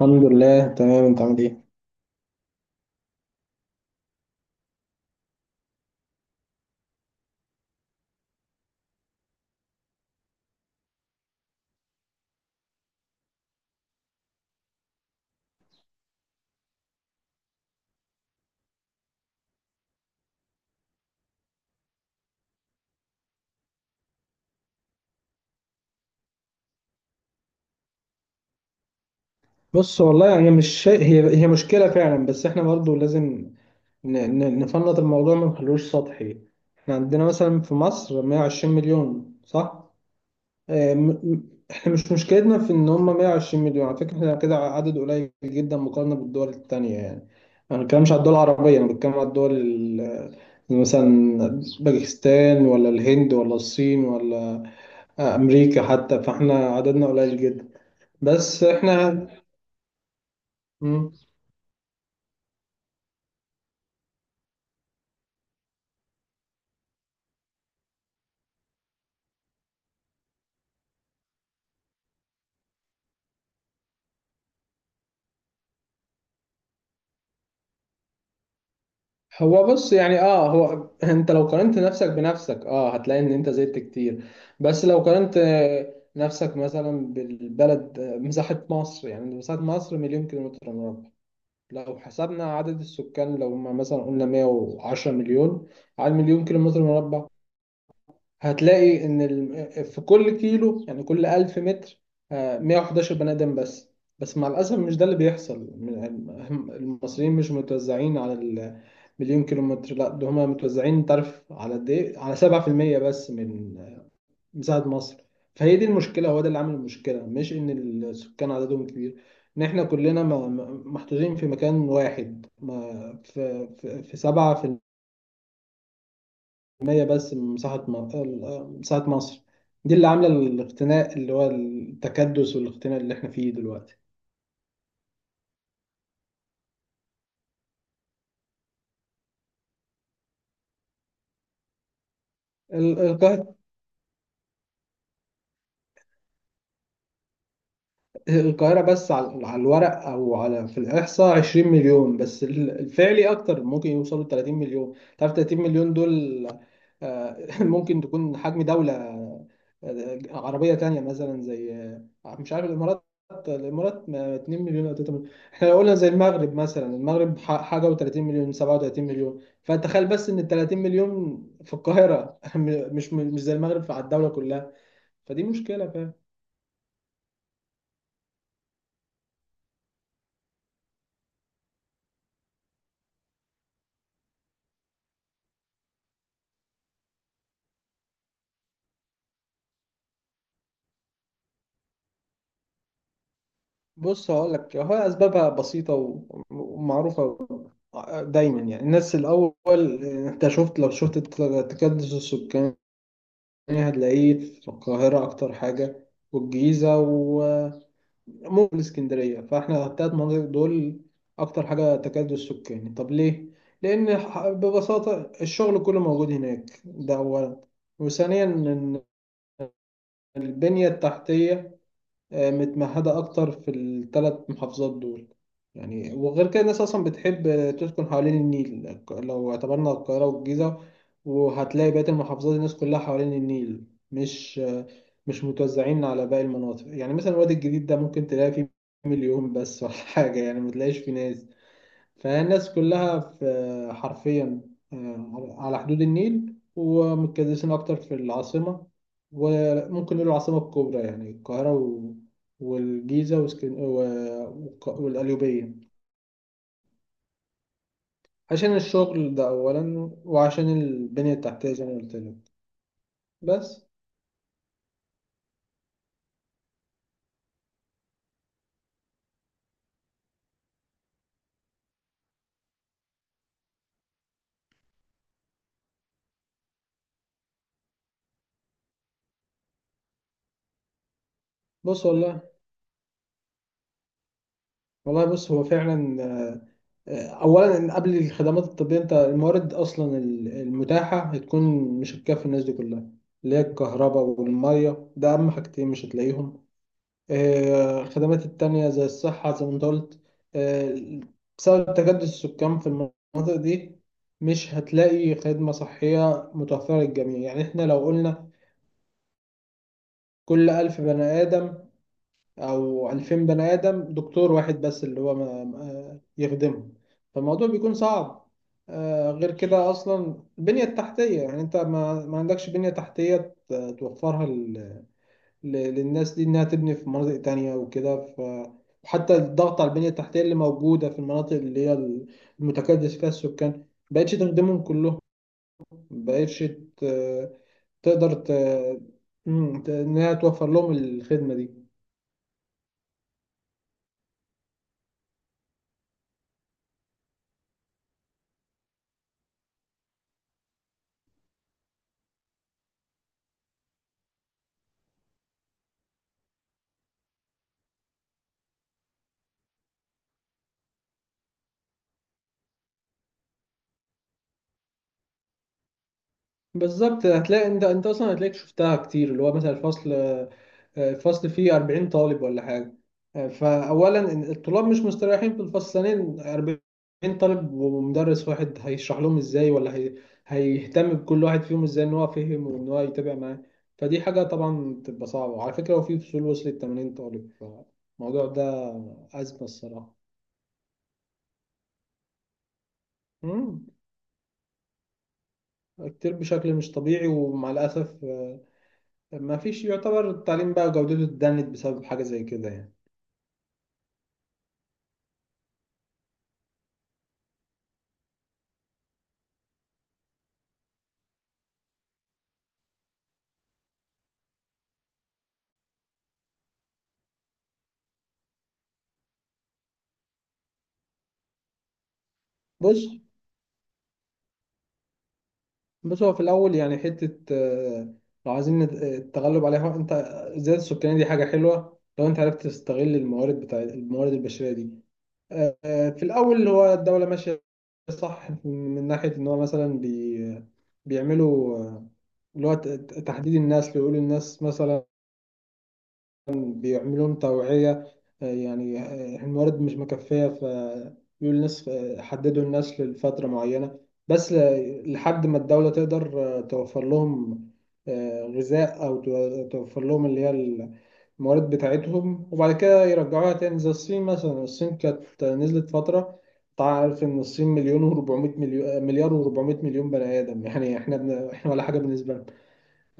الحمد لله، تمام. انت عامل ايه؟ بص، والله انا مش شا... هي مشكله فعلا، بس احنا برضو لازم ن... نفنط الموضوع ما نخلوش سطحي. احنا عندنا مثلا في مصر 120 مليون، صح. اه م... م- احنا مش مشكلتنا في ان هم 120 مليون. على فكره احنا كده عدد قليل جدا مقارنه بالدول التانية، يعني انا ما بتكلمش على الدول العربيه، انا بتكلم على مثلا باكستان ولا الهند ولا الصين ولا امريكا حتى، فاحنا عددنا قليل جدا. بس احنا. مم. هو، بص يعني. اه هو انت لو قارنت نفسك بنفسك هتلاقي ان انت زدت كتير. بس لو قارنت نفسك مثلا بالبلد. مساحة مصر، يعني مساحة مصر مليون كيلومتر مربع. لو حسبنا عدد السكان لو ما مثلا قلنا 110 مليون على مليون كيلومتر مربع، هتلاقي ان في كل كيلو يعني كل 1000 متر 111 بني ادم بس. بس مع الاسف مش ده اللي بيحصل. المصريين مش متوزعين على المليون كيلومتر. لا، ده هم متوزعين، انت عارف على قد ايه؟ على 7% بس من مساحة مصر. فهي دي المشكلة. هو ده اللي عامل المشكلة، مش ان السكان عددهم كبير. ان احنا كلنا محطوطين في مكان واحد. في 7% مية بس من مساحة مصر. دي اللي عاملة الاختناق، اللي هو التكدس والاختناق اللي احنا فيه دلوقتي. ال- القاهرة القاهرة بس على الورق أو على في الإحصاء 20 مليون، بس الفعلي أكتر، ممكن يوصلوا ل 30 مليون. تعرف 30 مليون دول ممكن تكون حجم دولة عربية تانية، مثلا زي مش عارف، الإمارات. الإمارات ما 2 مليون أو 3 مليون. إحنا لو قلنا زي المغرب، مثلا المغرب حاجة و30 مليون، 37 مليون. فتخيل بس إن ال 30 مليون في القاهرة مش زي المغرب على الدولة كلها. فدي مشكلة. بص هقول لك، هو اسبابها بسيطه ومعروفه. دايما يعني، الناس الاول. انت شفت لو شفت تكدس السكاني، هتلاقيه في القاهره اكتر حاجه، والجيزه، وممكن الاسكندريه. فاحنا الثلاث مناطق دول اكتر حاجه تكدس سكاني. طب ليه؟ لان ببساطه الشغل كله موجود هناك، ده اولا. وثانيا، ان البنيه التحتيه متمهدة أكتر في الثلاث محافظات دول. يعني وغير كده الناس أصلا بتحب تسكن حوالين النيل، لو اعتبرنا القاهرة والجيزة. وهتلاقي بقية المحافظات الناس كلها حوالين النيل. مش آه، مش متوزعين على باقي المناطق. يعني مثلا الوادي الجديد ده ممكن تلاقي فيه مليون بس، ولا حاجة، يعني متلاقيش فيه ناس. فالناس كلها في، حرفيا على حدود النيل، ومتكدسين أكتر في العاصمة. وممكن نقول العاصمة الكبرى، يعني القاهرة و... والجيزة، وسكن... و... والق- والقليوبية، عشان الشغل ده أولا، وعشان البنية التحتية زي ما قلت لك. بس بص والله والله، بص هو فعلا اولا قبل الخدمات الطبيه، انت الموارد اصلا المتاحه هتكون مش هتكفي الناس دي كلها، اللي هي الكهرباء والميه، ده اهم حاجتين مش هتلاقيهم. الخدمات التانية زي الصحه، زي ما انت قلت، آه، بسبب تجدد السكان في المناطق دي مش هتلاقي خدمه صحيه متوفره للجميع. يعني احنا لو قلنا كل 1000 بني آدم او 2000 بني ادم دكتور واحد بس اللي هو يخدمهم، فالموضوع بيكون صعب. غير كده، اصلا البنيه التحتيه، يعني انت ما عندكش بنيه تحتيه توفرها للناس دي انها تبني في مناطق تانية وكده، ف. وحتى الضغط على البنيه التحتيه اللي موجوده في المناطق اللي هي المتكدس فيها السكان، مبقتش تخدمهم كلهم. مبقتش ت- تقدر انها توفر لهم الخدمه دي. بالظبط. انت اصلا هتلاقيك شفتها كتير، اللي هو مثلا الفصل فيه 40 طالب ولا حاجه. فاولا إن الطلاب مش مستريحين في الفصل. ثانيا، 40 طالب ومدرس واحد، هيشرح لهم ازاي؟ ولا هيهتم بكل واحد فيهم ازاي ان هو فهم وان هو يتابع معاه. فدي حاجه طبعا بتبقى صعبه. وعلى فكره، هو في فصول وصلت 80 طالب. فالموضوع ده ازمه الصراحه. مم. كتير بشكل مش طبيعي، ومع الاسف ما فيش، يعتبر التعليم بقى جودته اتدنت بسبب حاجة زي كده يعني. بص. هو في الأول يعني حتة، لو عايزين التغلب عليها. أنت الزيادة السكانية دي حاجة حلوة لو أنت عرفت تستغل الموارد، بتاع الموارد البشرية دي. في الأول، هو الدولة ماشية صح من ناحية إن هو مثلا بيعملوا، اللي هو تحديد الناس، اللي يقولوا الناس مثلا بيعملوا لهم توعية. يعني الموارد مش مكفية، فيقول الناس حددوا الناس لفترة معينة، بس لحد ما الدولة تقدر توفر لهم غذاء أو توفر لهم اللي هي الموارد بتاعتهم. وبعد كده يرجعوها تاني، زي الصين مثلا. الصين كانت نزلت فترة. تعرف إن الصين مليون و400 مليون، مليار و400 مليون بني آدم. يعني إحنا إحنا ولا حاجة بالنسبة.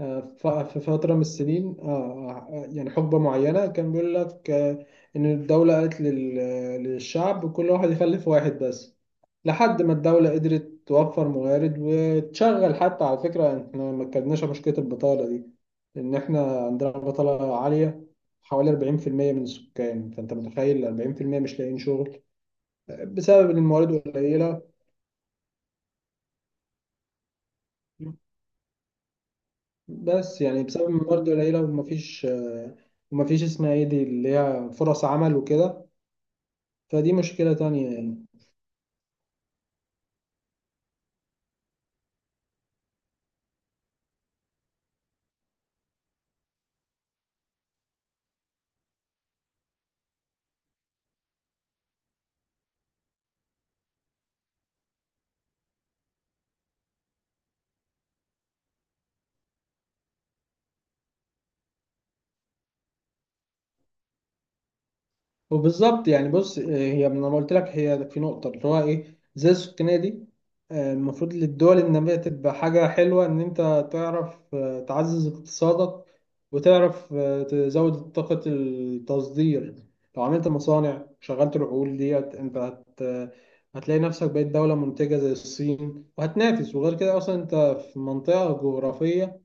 في فترة من السنين، يعني حقبة معينة، كان بيقول لك إن الدولة قالت للشعب كل واحد يخلف واحد بس، لحد ما الدولة قدرت توفر موارد وتشغل. حتى على فكرة إحنا ما اتكلمناش عن مشكلة البطالة دي. لأن إحنا عندنا بطالة عالية، حوالي 40% من السكان. فأنت متخيل 40% مش لاقيين شغل بسبب إن الموارد قليلة. بس يعني بسبب برضه العيلة، ومفيش اسمها ايه دي اللي هي فرص عمل وكده. فدي مشكلة تانية يعني. وبالظبط، يعني بص هي لما قلت لك، هي في نقطة اللي هو إيه، زي السكانية دي. المفروض للدول النامية تبقى حاجة حلوة إن أنت تعرف تعزز اقتصادك، وتعرف تزود طاقة التصدير. لو عملت مصانع شغلت العقول ديت، أنت هتلاقي نفسك بقيت دولة منتجة زي الصين وهتنافس. وغير كده أصلا أنت في منطقة جغرافية،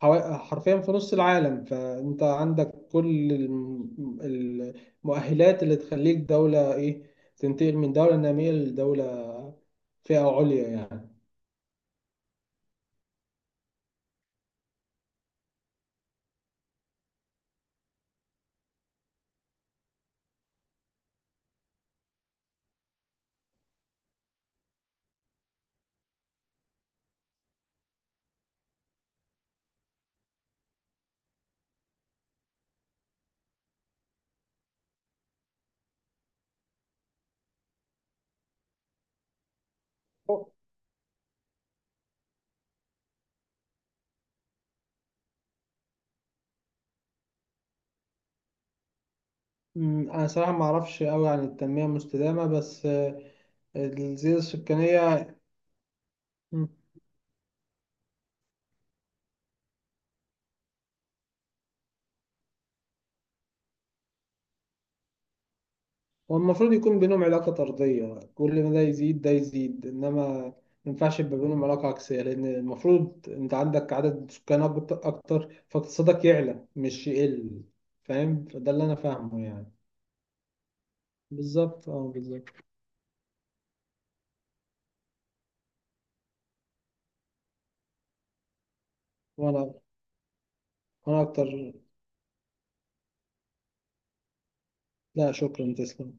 حرفيا في نص العالم. فانت عندك كل المؤهلات اللي تخليك دولة ايه، تنتقل من دولة نامية لدولة فئة عليا يعني. انا صراحة ما اعرفش قوي عن التنمية المستدامة، بس الزيادة السكانية، هو المفروض يكون بينهم علاقة طردية، كل ما ده يزيد ده يزيد. إنما ما ينفعش يبقى بينهم علاقة عكسية، لأن المفروض أنت عندك عدد سكان أكتر، فاقتصادك يعلى مش يقل، فاهم؟ فده اللي أنا فاهمه يعني. بالظبط، أه، بالظبط. وأنا وأنا أكتر. لا شكرا، تسلم.